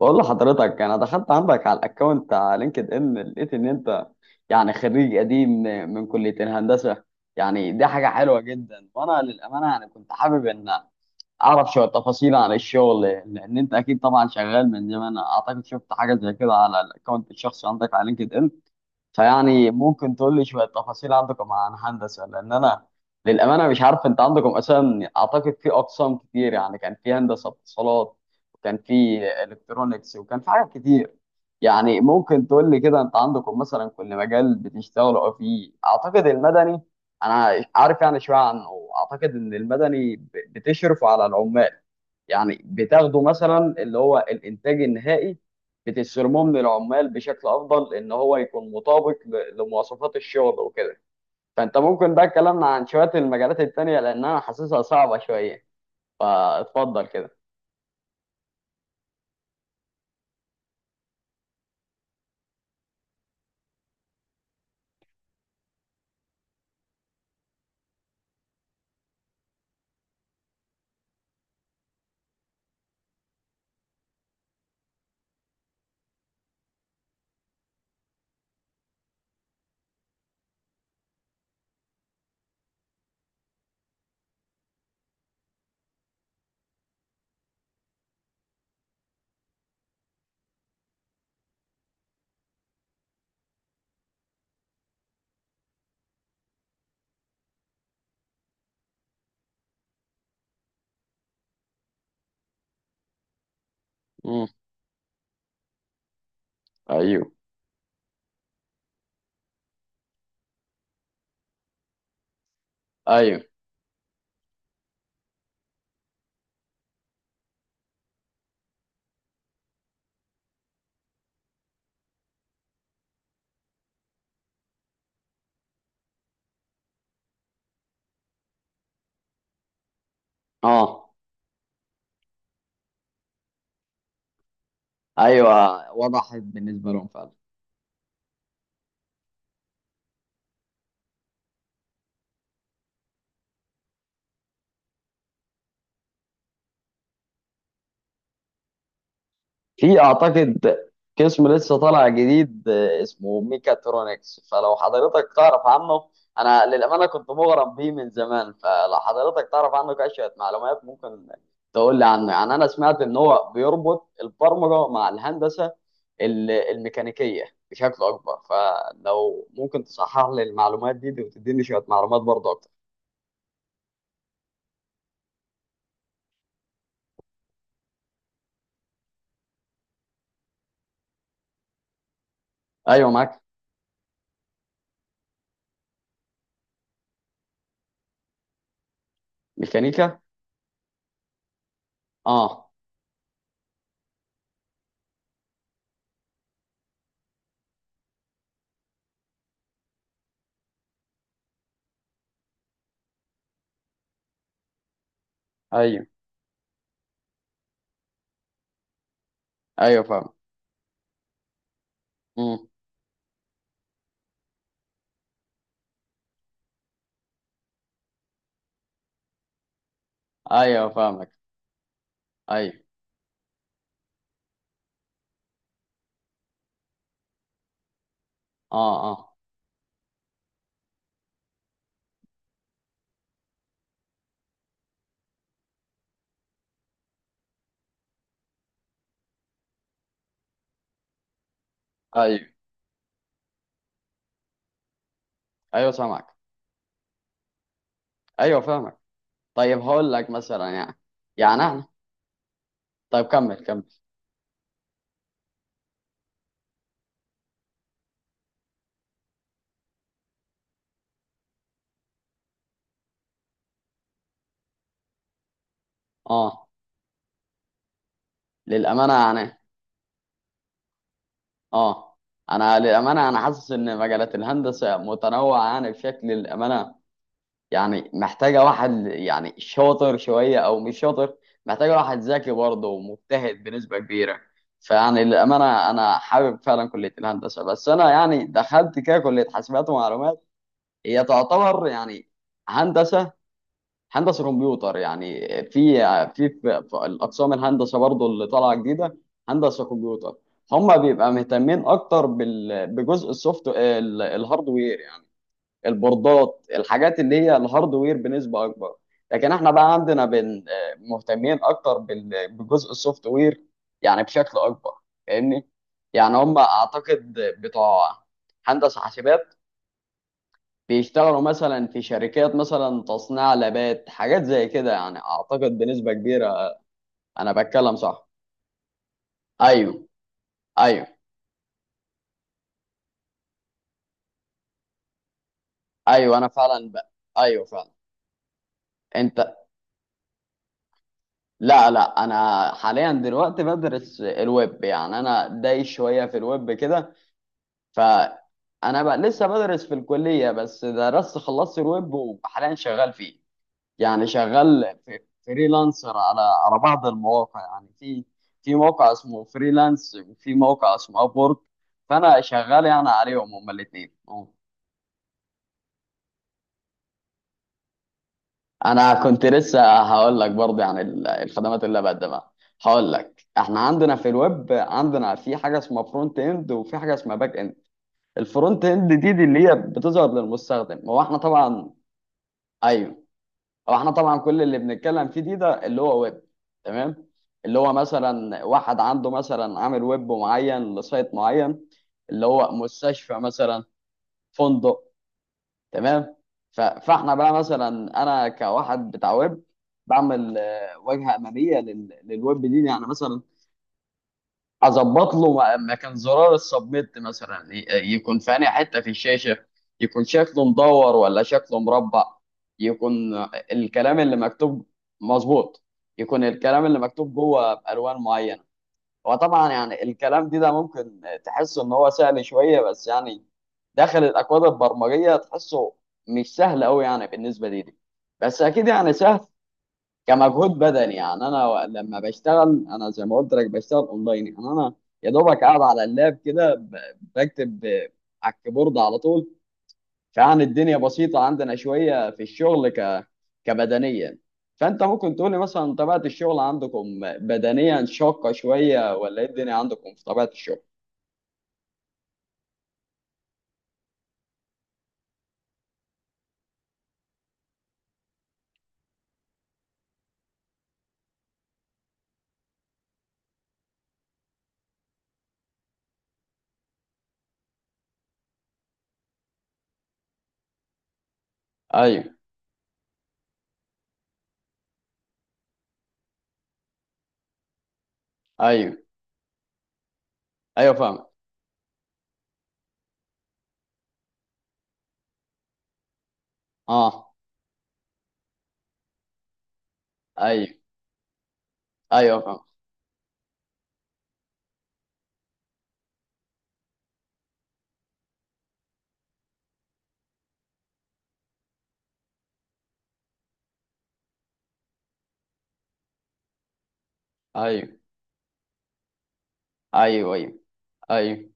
بقول لحضرتك انا دخلت عندك على الاكونت على لينكد ان، لقيت ان انت يعني خريج قديم من كلية الهندسة. يعني دي حاجة حلوة جدا، وانا للأمانة يعني كنت حابب ان اعرف شوية تفاصيل عن الشغل، لان انت اكيد طبعا شغال من زمان. اعتقد شفت حاجة زي كده على الاكونت الشخصي عندك على لينكد ان. فيعني ممكن تقول لي شوية تفاصيل عندكم عن هندسة، لأن أنا للأمانة مش عارف أنت عندكم أساسا. أعتقد في أقسام كتير، يعني كان في هندسة اتصالات، وكان في إلكترونيكس، وكان في حاجات كتير. يعني ممكن تقول لي كده أنت عندكم مثلا كل مجال بتشتغلوا فيه. أعتقد المدني أنا عارف يعني شوية عنه، أعتقد إن المدني بتشرفوا على العمال. يعني بتاخده مثلا اللي هو الانتاج النهائي، بتسرموه من العمال بشكل افضل ان هو يكون مطابق لمواصفات الشغل وكده. فانت ممكن بقى كلامنا عن شويه المجالات التانيه، لان انا حاسسها صعبه شويه. فاتفضل كده. امم. ايوه. ايوه. اه. ايوه وضحت بالنسبه لهم فعلا. في اعتقد قسم لسه طالع جديد، اسمه ميكاترونكس، فلو حضرتك تعرف عنه. انا للامانه كنت مغرم بيه من زمان، فلو حضرتك تعرف عنه كشويه معلومات ممكن تقول لي عنه. يعني انا سمعت ان هو بيربط البرمجه مع الهندسه الميكانيكيه بشكل اكبر. فلو ممكن تصحح لي المعلومات دي وتديني شويه معلومات برضه اكتر. ايوه معاك. ميكانيكا. اه. ايوه. ايوه فاهم. مم. ايوه فاهمك. ايوه. اه. اه. ايوه. ايوه سامعك. ايوه فاهمك. طيب هقول لك مثلا يعني. يعني انا، طيب كمل كمل. اه، للامانه يعني. اه، انا للامانه انا حاسس ان مجالات الهندسه متنوعه يعني بشكل للامانه، يعني محتاجه واحد يعني شاطر شويه او مش شاطر. محتاجه واحد ذكي برضه ومجتهد بنسبه كبيره. فيعني للامانه انا حابب فعلا كليه الهندسه، بس انا يعني دخلت كده كليه حاسبات ومعلومات. هي تعتبر يعني هندسه، هندسه كمبيوتر. يعني في الاقسام الهندسه برضو اللي طالعه جديده، هندسه كمبيوتر. هم بيبقى مهتمين اكتر بجزء السوفت الهاردوير، يعني البوردات، الحاجات اللي هي الهاردوير بنسبه اكبر. لكن احنا بقى عندنا مهتمين اكتر بجزء السوفت وير، يعني بشكل اكبر. فاهمني؟ يعني هم اعتقد بتوع هندسه حاسبات، بيشتغلوا مثلا في شركات مثلا تصنيع لبات، حاجات زي كده، يعني اعتقد بنسبة كبيرة. انا بتكلم صح؟ ايوه. ايوه. ايوه انا فعلا ايوه فعلا. انت. لا لا، انا حاليا دلوقتي بدرس الويب، يعني انا داي شوية في الويب كده. ف انا بقى لسه بدرس في الكلية، بس درست خلصت الويب وحاليا شغال فيه. يعني شغال فريلانسر على بعض المواقع. يعني في موقع اسمه فريلانس، وفي موقع اسمه ابورك. فانا شغال يعني عليهم هما الاثنين. انا كنت لسه هقول لك برضه عن الخدمات اللي بقدمها. هقول لك احنا عندنا في الويب عندنا في حاجه اسمها فرونت اند، وفي حاجه اسمها باك اند. الفرونت اند دي اللي هي بتظهر للمستخدم. هو احنا طبعا. ايوه. هو احنا طبعا كل اللي بنتكلم فيه دي ده اللي هو ويب. تمام. اللي هو مثلا واحد عنده مثلا عامل ويب معين لسايت معين، اللي هو مستشفى مثلا، فندق. تمام. فاحنا بقى مثلا، انا كواحد بتاع ويب، بعمل واجهه اماميه للويب دي، يعني مثلا اظبط له مكان زرار السبميت مثلا، يكون في أنهي حته في الشاشه، يكون شكله مدور ولا شكله مربع، يكون الكلام اللي مكتوب مظبوط، يكون الكلام اللي مكتوب جوه بالوان معينه. وطبعا يعني الكلام دي ده ممكن تحس ان هو سهل شويه، بس يعني داخل الاكواد البرمجيه تحسه مش سهل قوي، يعني بالنسبه لي دي. بس اكيد يعني سهل كمجهود بدني. يعني انا لما بشتغل انا زي ما قلت لك بشتغل اونلاين، يعني انا يا دوبك قاعد على اللاب كده بكتب على الكيبورد على طول. فيعني الدنيا بسيطة عندنا شوية في الشغل كبدنيا. فانت ممكن تقولي مثلا طبيعة الشغل عندكم بدنيا شاقة شوية، ولا ايه الدنيا عندكم في طبيعة الشغل؟ ايوه. ايوه. ايوه فاهم. اه. ايوه. ايوه فاهم. ايوه. ايوه. ايوه. ايوه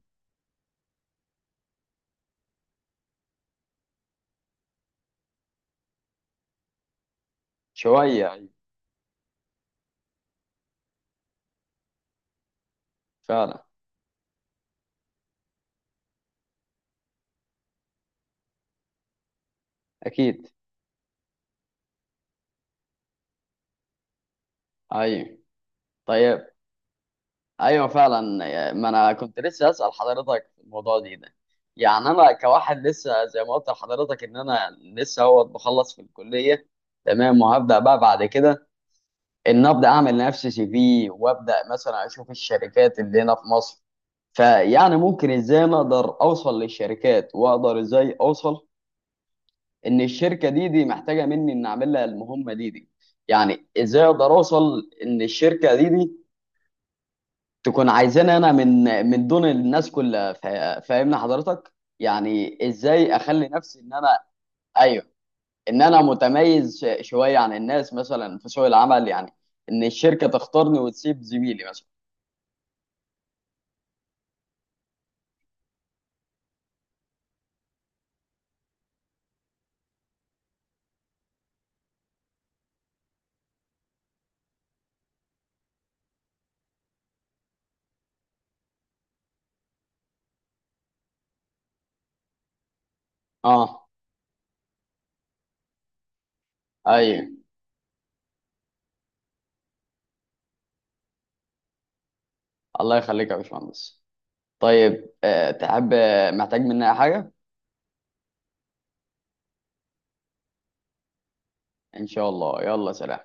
شوية. ايوه فعلا. اكيد. ايوه. طيب. ايوه فعلا، ما انا كنت لسه اسال حضرتك في الموضوع دي ده. يعني انا كواحد لسه زي ما قلت لحضرتك ان انا لسه هو بخلص في الكليه. تمام. وهبدا بقى بعد كده ان ابدا اعمل لنفسي CV، وابدا مثلا اشوف الشركات اللي هنا في مصر. فيعني ممكن ازاي انا اقدر اوصل للشركات، واقدر ازاي اوصل ان الشركه دي محتاجه مني ان اعمل لها المهمه دي. يعني ازاي اقدر اوصل ان الشركه دي تكون عايزاني انا من دون الناس كلها. فاهمني حضرتك؟ يعني ازاي اخلي نفسي ان انا. ايوه. ان انا متميز شويه عن الناس مثلا في سوق العمل، يعني ان الشركه تختارني وتسيب زميلي مثلا. اه. ايوه. الله يخليك يا باشمهندس. طيب تحب، محتاج مني أي حاجه؟ ان شاء الله، يلا سلام.